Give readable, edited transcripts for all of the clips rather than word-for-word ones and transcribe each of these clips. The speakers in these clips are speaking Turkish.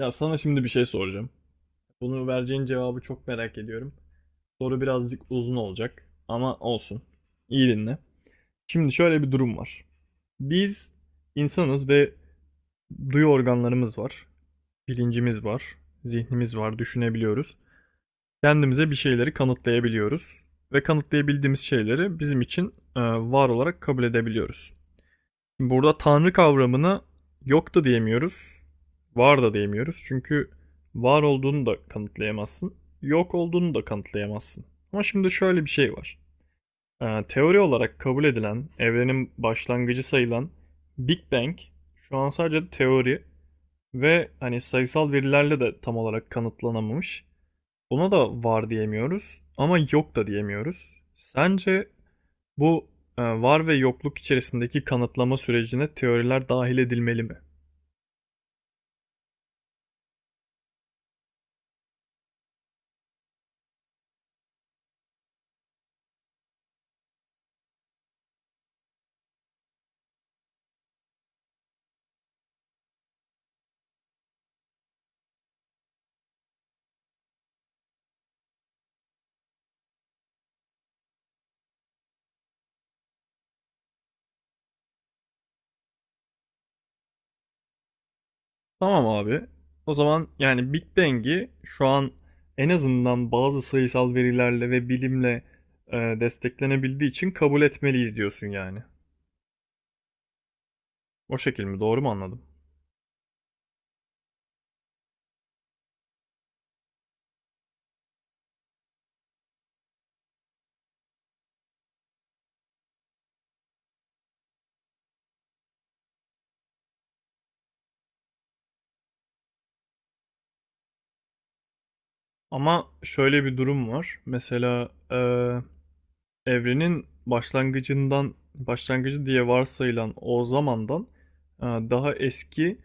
Ya sana şimdi bir şey soracağım. Bunu vereceğin cevabı çok merak ediyorum. Soru birazcık uzun olacak ama olsun. İyi dinle. Şimdi şöyle bir durum var. Biz insanız ve duyu organlarımız var, bilincimiz var, zihnimiz var, düşünebiliyoruz. Kendimize bir şeyleri kanıtlayabiliyoruz ve kanıtlayabildiğimiz şeyleri bizim için var olarak kabul edebiliyoruz. Şimdi burada tanrı kavramını yok da diyemiyoruz, var da diyemiyoruz. Çünkü var olduğunu da kanıtlayamazsın, yok olduğunu da kanıtlayamazsın. Ama şimdi şöyle bir şey var. Teori olarak kabul edilen, evrenin başlangıcı sayılan Big Bang şu an sadece teori ve hani sayısal verilerle de tam olarak kanıtlanamamış. Buna da var diyemiyoruz ama yok da diyemiyoruz. Sence bu var ve yokluk içerisindeki kanıtlama sürecine teoriler dahil edilmeli mi? Tamam abi. O zaman yani Big Bang'i şu an en azından bazı sayısal verilerle ve bilimle desteklenebildiği için kabul etmeliyiz diyorsun yani. O şekil mi? Doğru mu anladım? Ama şöyle bir durum var. Mesela evrenin başlangıcından başlangıcı diye varsayılan o zamandan daha eski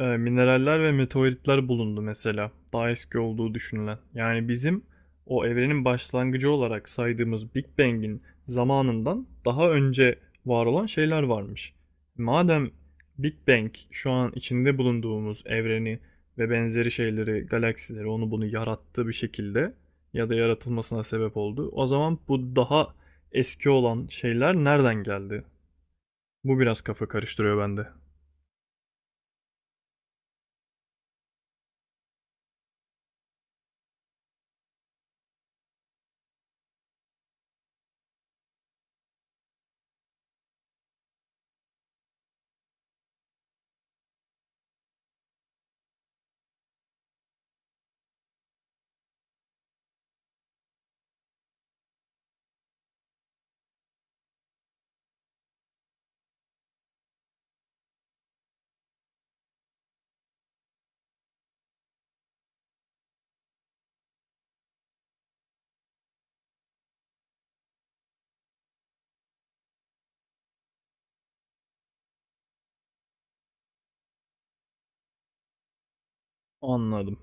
mineraller ve meteoritler bulundu mesela. Daha eski olduğu düşünülen. Yani bizim o evrenin başlangıcı olarak saydığımız Big Bang'in zamanından daha önce var olan şeyler varmış. Madem Big Bang şu an içinde bulunduğumuz evreni ve benzeri şeyleri, galaksileri onu bunu yarattı bir şekilde ya da yaratılmasına sebep oldu. O zaman bu daha eski olan şeyler nereden geldi? Bu biraz kafa karıştırıyor bende. Anladım.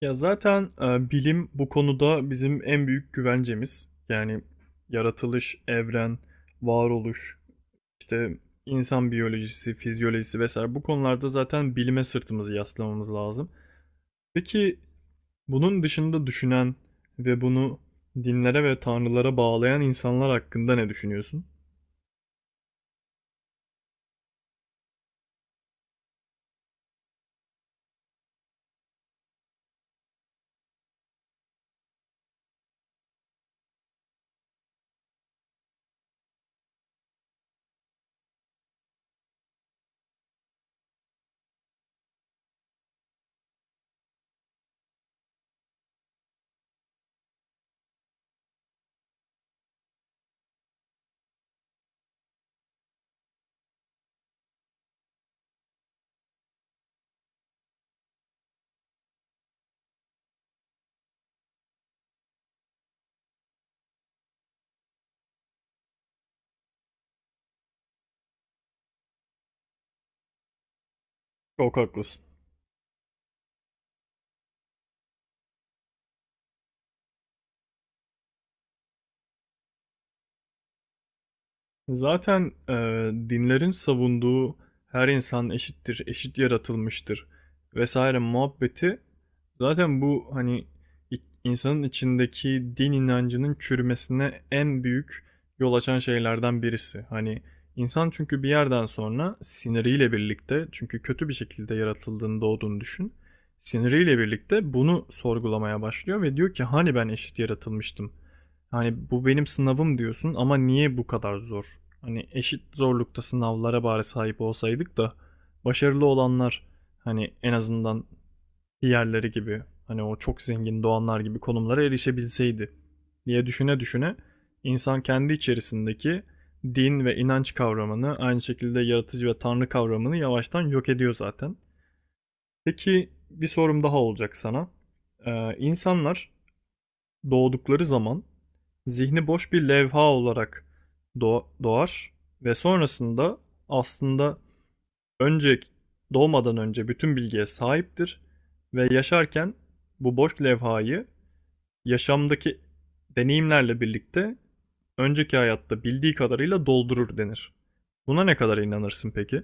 Ya zaten bilim bu konuda bizim en büyük güvencemiz. Yani yaratılış, evren, varoluş, işte insan biyolojisi, fizyolojisi vesaire bu konularda zaten bilime sırtımızı yaslamamız lazım. Peki bunun dışında düşünen ve bunu dinlere ve tanrılara bağlayan insanlar hakkında ne düşünüyorsun? Çok haklısın. Zaten dinlerin savunduğu her insan eşittir, eşit yaratılmıştır vesaire muhabbeti zaten bu hani insanın içindeki din inancının çürümesine en büyük yol açan şeylerden birisi. Hani insan çünkü bir yerden sonra siniriyle birlikte çünkü kötü bir şekilde yaratıldığını doğduğunu düşün. Siniriyle birlikte bunu sorgulamaya başlıyor ve diyor ki hani ben eşit yaratılmıştım. Hani bu benim sınavım diyorsun ama niye bu kadar zor? Hani eşit zorlukta sınavlara bari sahip olsaydık da başarılı olanlar hani en azından diğerleri gibi hani o çok zengin doğanlar gibi konumlara erişebilseydi diye düşüne düşüne insan kendi içerisindeki din ve inanç kavramını aynı şekilde yaratıcı ve tanrı kavramını yavaştan yok ediyor zaten. Peki bir sorum daha olacak sana. İnsanlar doğdukları zaman zihni boş bir levha olarak doğar ve sonrasında aslında önce doğmadan önce bütün bilgiye sahiptir ve yaşarken bu boş levhayı yaşamdaki deneyimlerle birlikte önceki hayatta bildiği kadarıyla doldurur denir. Buna ne kadar inanırsın peki?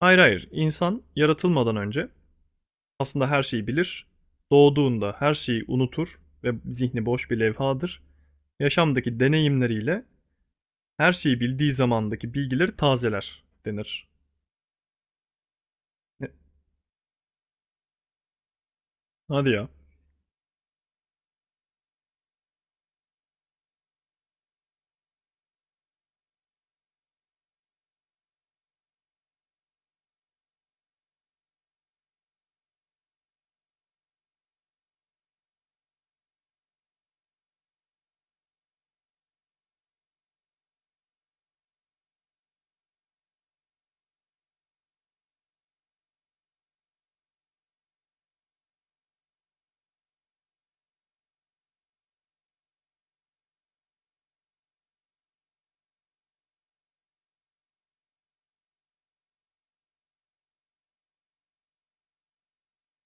Hayır hayır, insan yaratılmadan önce aslında her şeyi bilir. Doğduğunda her şeyi unutur ve zihni boş bir levhadır. Yaşamdaki deneyimleriyle her şeyi bildiği zamandaki bilgileri tazeler denir. E, Hadi ya.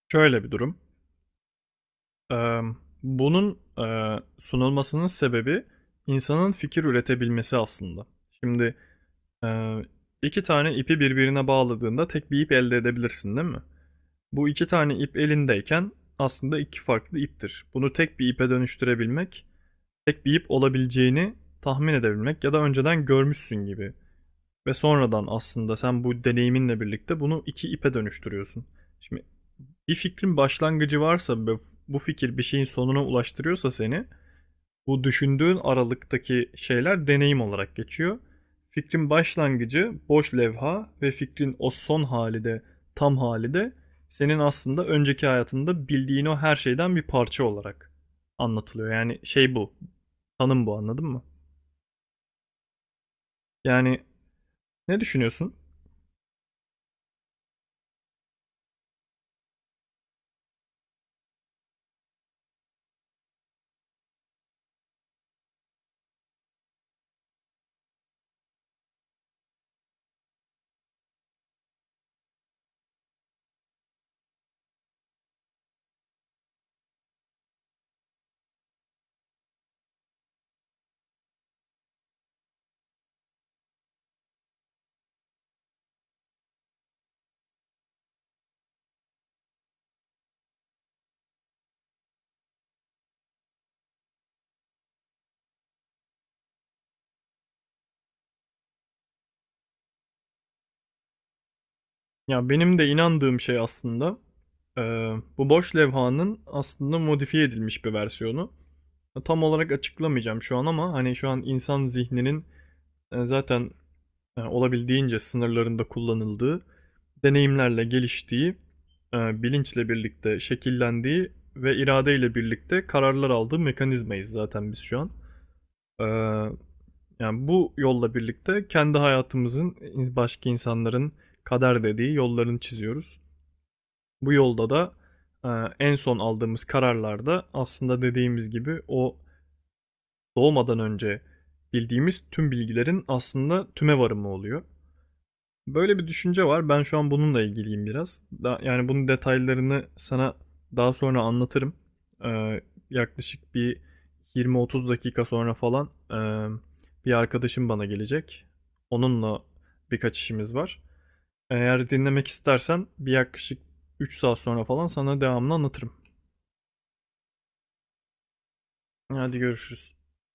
Şöyle bir durum. Ee, Bunun sunulmasının sebebi insanın fikir üretebilmesi aslında. Şimdi e, iki tane ipi birbirine bağladığında tek bir ip elde edebilirsin, değil mi? Bu iki tane ip elindeyken aslında iki farklı iptir. Bunu tek bir ipe dönüştürebilmek tek bir ip olabileceğini tahmin edebilmek ya da önceden görmüşsün gibi. Ve sonradan aslında sen bu deneyiminle birlikte bunu iki ipe dönüştürüyorsun. Şimdi bir fikrin başlangıcı varsa ve bu fikir bir şeyin sonuna ulaştırıyorsa seni bu düşündüğün aralıktaki şeyler deneyim olarak geçiyor. Fikrin başlangıcı boş levha ve fikrin o son hali de tam hali de senin aslında önceki hayatında bildiğin o her şeyden bir parça olarak anlatılıyor. Yani şey bu. Tanım bu anladın mı? Yani ne düşünüyorsun? Ya benim de inandığım şey aslında e, bu boş levhanın aslında modifiye edilmiş bir versiyonu. Tam olarak açıklamayacağım şu an ama hani şu an insan zihninin zaten olabildiğince sınırlarında kullanıldığı, deneyimlerle geliştiği, bilinçle birlikte şekillendiği ve iradeyle birlikte kararlar aldığı mekanizmayız zaten biz şu an. E, Yani bu yolla birlikte kendi hayatımızın başka insanların kader dediği yollarını çiziyoruz. Bu yolda da e, en son aldığımız kararlarda aslında dediğimiz gibi o doğmadan önce bildiğimiz tüm bilgilerin aslında tüme varımı oluyor. Böyle bir düşünce var. Ben şu an bununla ilgiliyim biraz. Da, yani bunun detaylarını sana daha sonra anlatırım. Ee, Yaklaşık bir 20-30 dakika sonra falan bir arkadaşım bana gelecek. Onunla birkaç işimiz var. Eğer dinlemek istersen bir yaklaşık 3 saat sonra falan sana devamını anlatırım. Hadi görüşürüz.